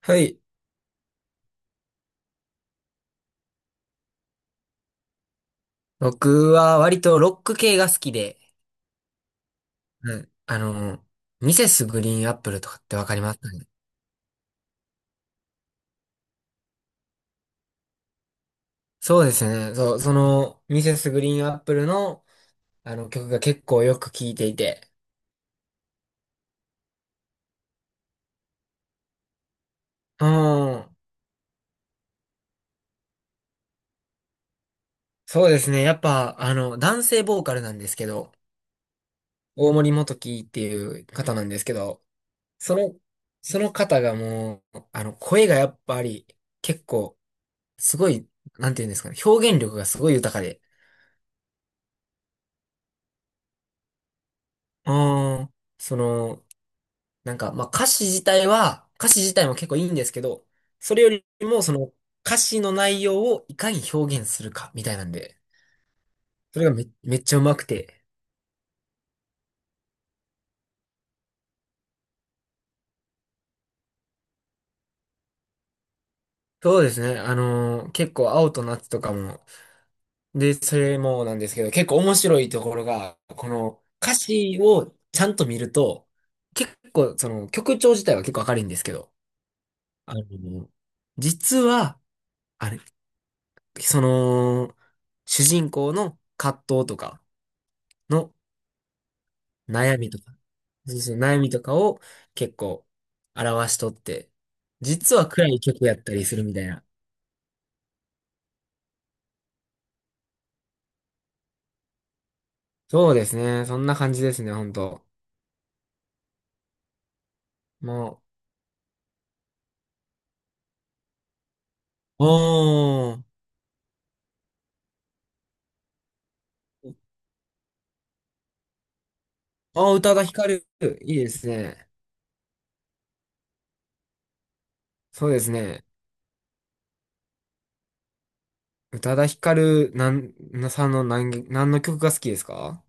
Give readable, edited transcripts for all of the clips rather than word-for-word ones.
はい。僕は割とロック系が好きで、うん、ミセスグリーンアップルとかってわかりますかね？そうですね。ミセスグリーンアップルの、あの曲が結構よく聴いていて。うん。そうですね。やっぱ、男性ボーカルなんですけど、大森元貴っていう方なんですけど、その、その方がもう、声がやっぱり、結構、すごい、なんていうんですかね、表現力がすごい豊かで、うん。なんか、まあ歌詞自体も結構いいんですけど、それよりもその歌詞の内容をいかに表現するかみたいなんで、それがめっちゃうまくて。そうですね。結構青と夏とかも、で、それもなんですけど、結構面白いところが、この歌詞をちゃんと見ると、結構その曲調自体は結構明るいんですけど、あの、実は、あれ、その、主人公の葛藤とかの悩みとか、そうそう、悩みとかを結構表しとって、実は暗い曲やったりするみたいな。そうですね。そんな感じですね、ほんと。もう、おー、あー、宇多田ヒカル、いいですね。そうですね。宇多田ヒカル、なん、なさんの何の曲が好きですか？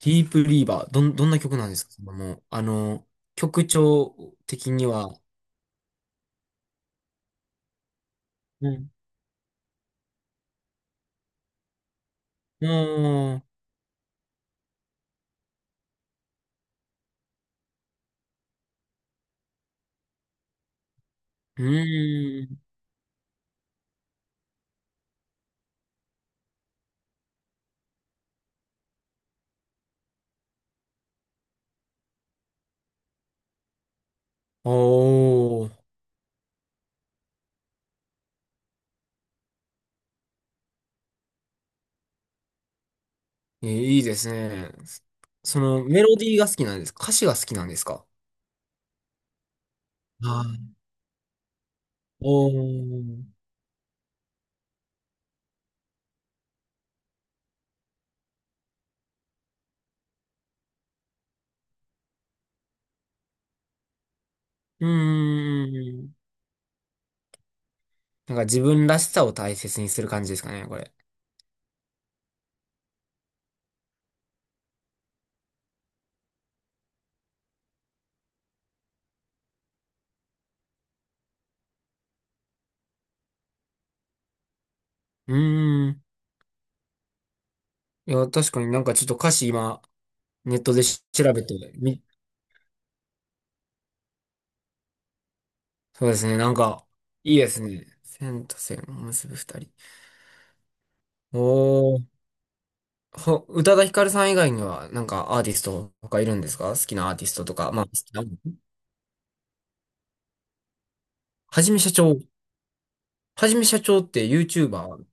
ディープリーバー、どんな曲なんですか？そのもう、あの、曲調的には。うん。うーん。うーん。おー。え、いいですね。メロディーが好きなんですか？歌詞が好きなんですか？あー、おー。うーん。なんか自分らしさを大切にする感じですかね、これ。うーん。いや、確かになんかちょっと歌詞今、ネットで調べてみ、そうですね、なんか、いいですね。線と線を結ぶ二人。おー。宇多田ヒカルさん以外には、なんかアーティストとかいるんですか？好きなアーティストとか。まあ、好きな。はじめしゃちょー。はじめしゃちょーって YouTuber？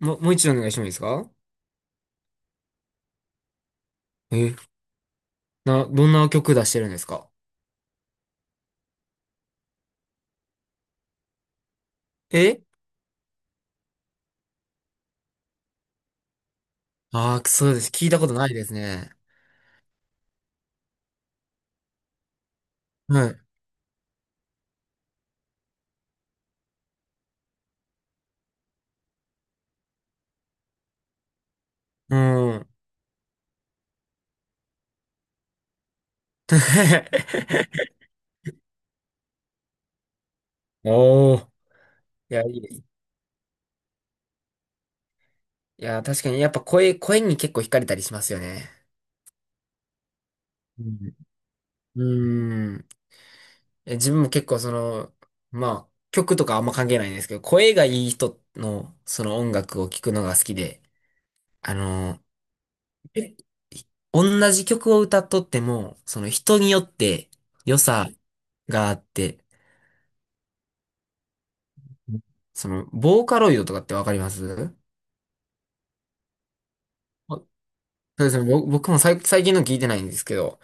もう一度お願いしてもいいですか？え、どんな曲出してるんですか？え、ああー、くそうです。聞いたことないですね。はい。うん。おお。いや、いいです。いや、確かに、やっぱ声に結構惹かれたりしますよね。うん。うーん。自分も結構まあ、曲とかあんま関係ないんですけど、声がいい人の、その音楽を聴くのが好きで、あの、え同じ曲を歌っとっても、その人によって良さ、があって、ボーカロイドとかってわかります？あ、そうですね。僕も最近の聞いてないんですけど、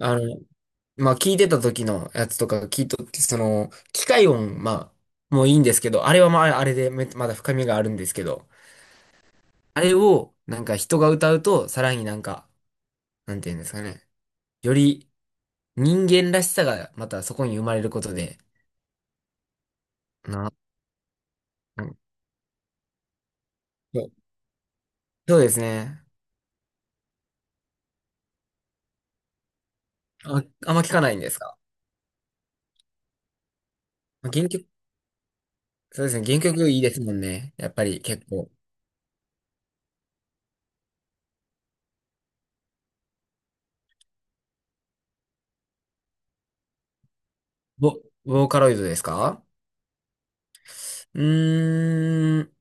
あの、まあ、聞いてた時のやつとか聞いとって、機械音、まあ、もういいんですけど、あれはまあ、あれでまだ深みがあるんですけど、あれを、なんか人が歌うと、さらになんか、なんていうんですかね。より人間らしさがまたそこに生まれることで、な、うん、そうそうですね。あ、あんま聞かないんですか？まあ原曲そうですね。原曲いいですもんね。やっぱり結構。ボ、ボーカロイドですか？うーん。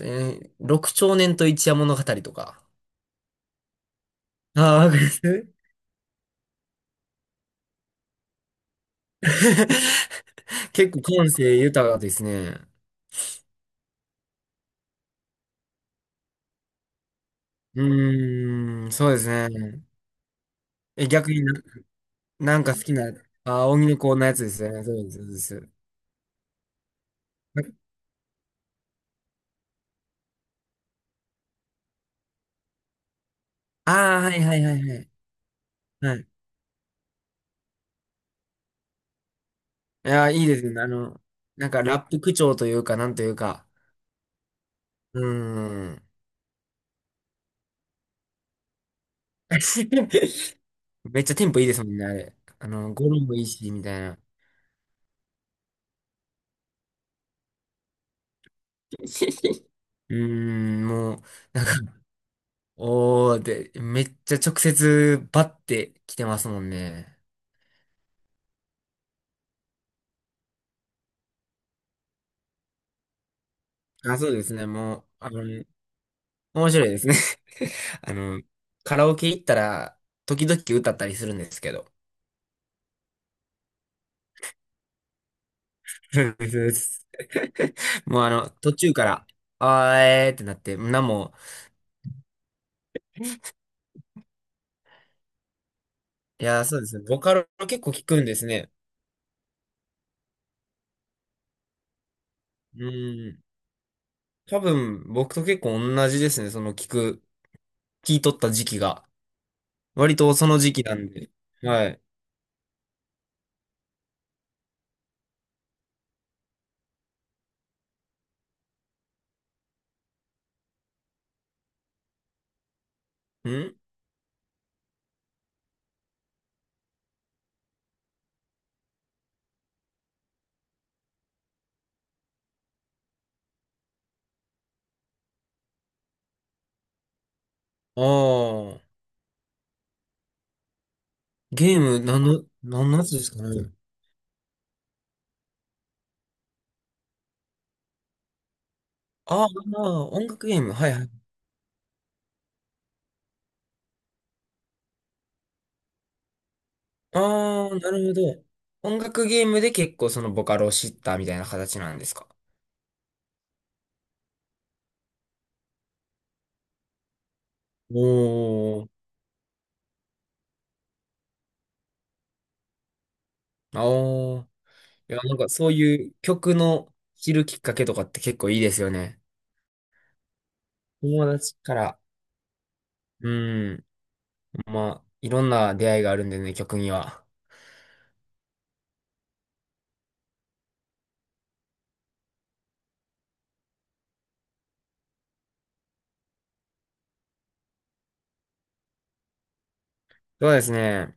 六少年と一夜物語とか。ああ、わかります？ 結構感性豊かですね。うーん、そうですね。え、逆になんか好きな、あー、荻野子のやつですよね。そうです、そうです。ああ、はいはいはいはい。はい。いやー、いいですね。なんかラップ口調というか、なんというか。うーん。めっちゃテンポいいですもんね、あれ。語呂もいいし、みたいな。うーん、もう、おー、で、めっちゃ直接バッて来てますもんね。あ、そうですね、もう、面白いですね。あの、カラオケ行ったら、時々歌ったりするんですけど。そうですそうです。 もう、途中から、あー、えーってなって、なんも、いやー、そうですね、ボカロ結構聞くんですね。うーん、多分、僕と結構同じですね、その聞いとった時期が。割とその時期なんで。はい。ん、ああー、ゲーム、なんのやつですかね。あーあー、音楽ゲーム。はいはい。ああ、なるほど。音楽ゲームで結構そのボカロを知ったみたいな形なんですか。おー、ああ。いや、なんかそういう曲の知るきっかけとかって結構いいですよね。友達から。うん。まあ、いろんな出会いがあるんでね、曲には。そうですね。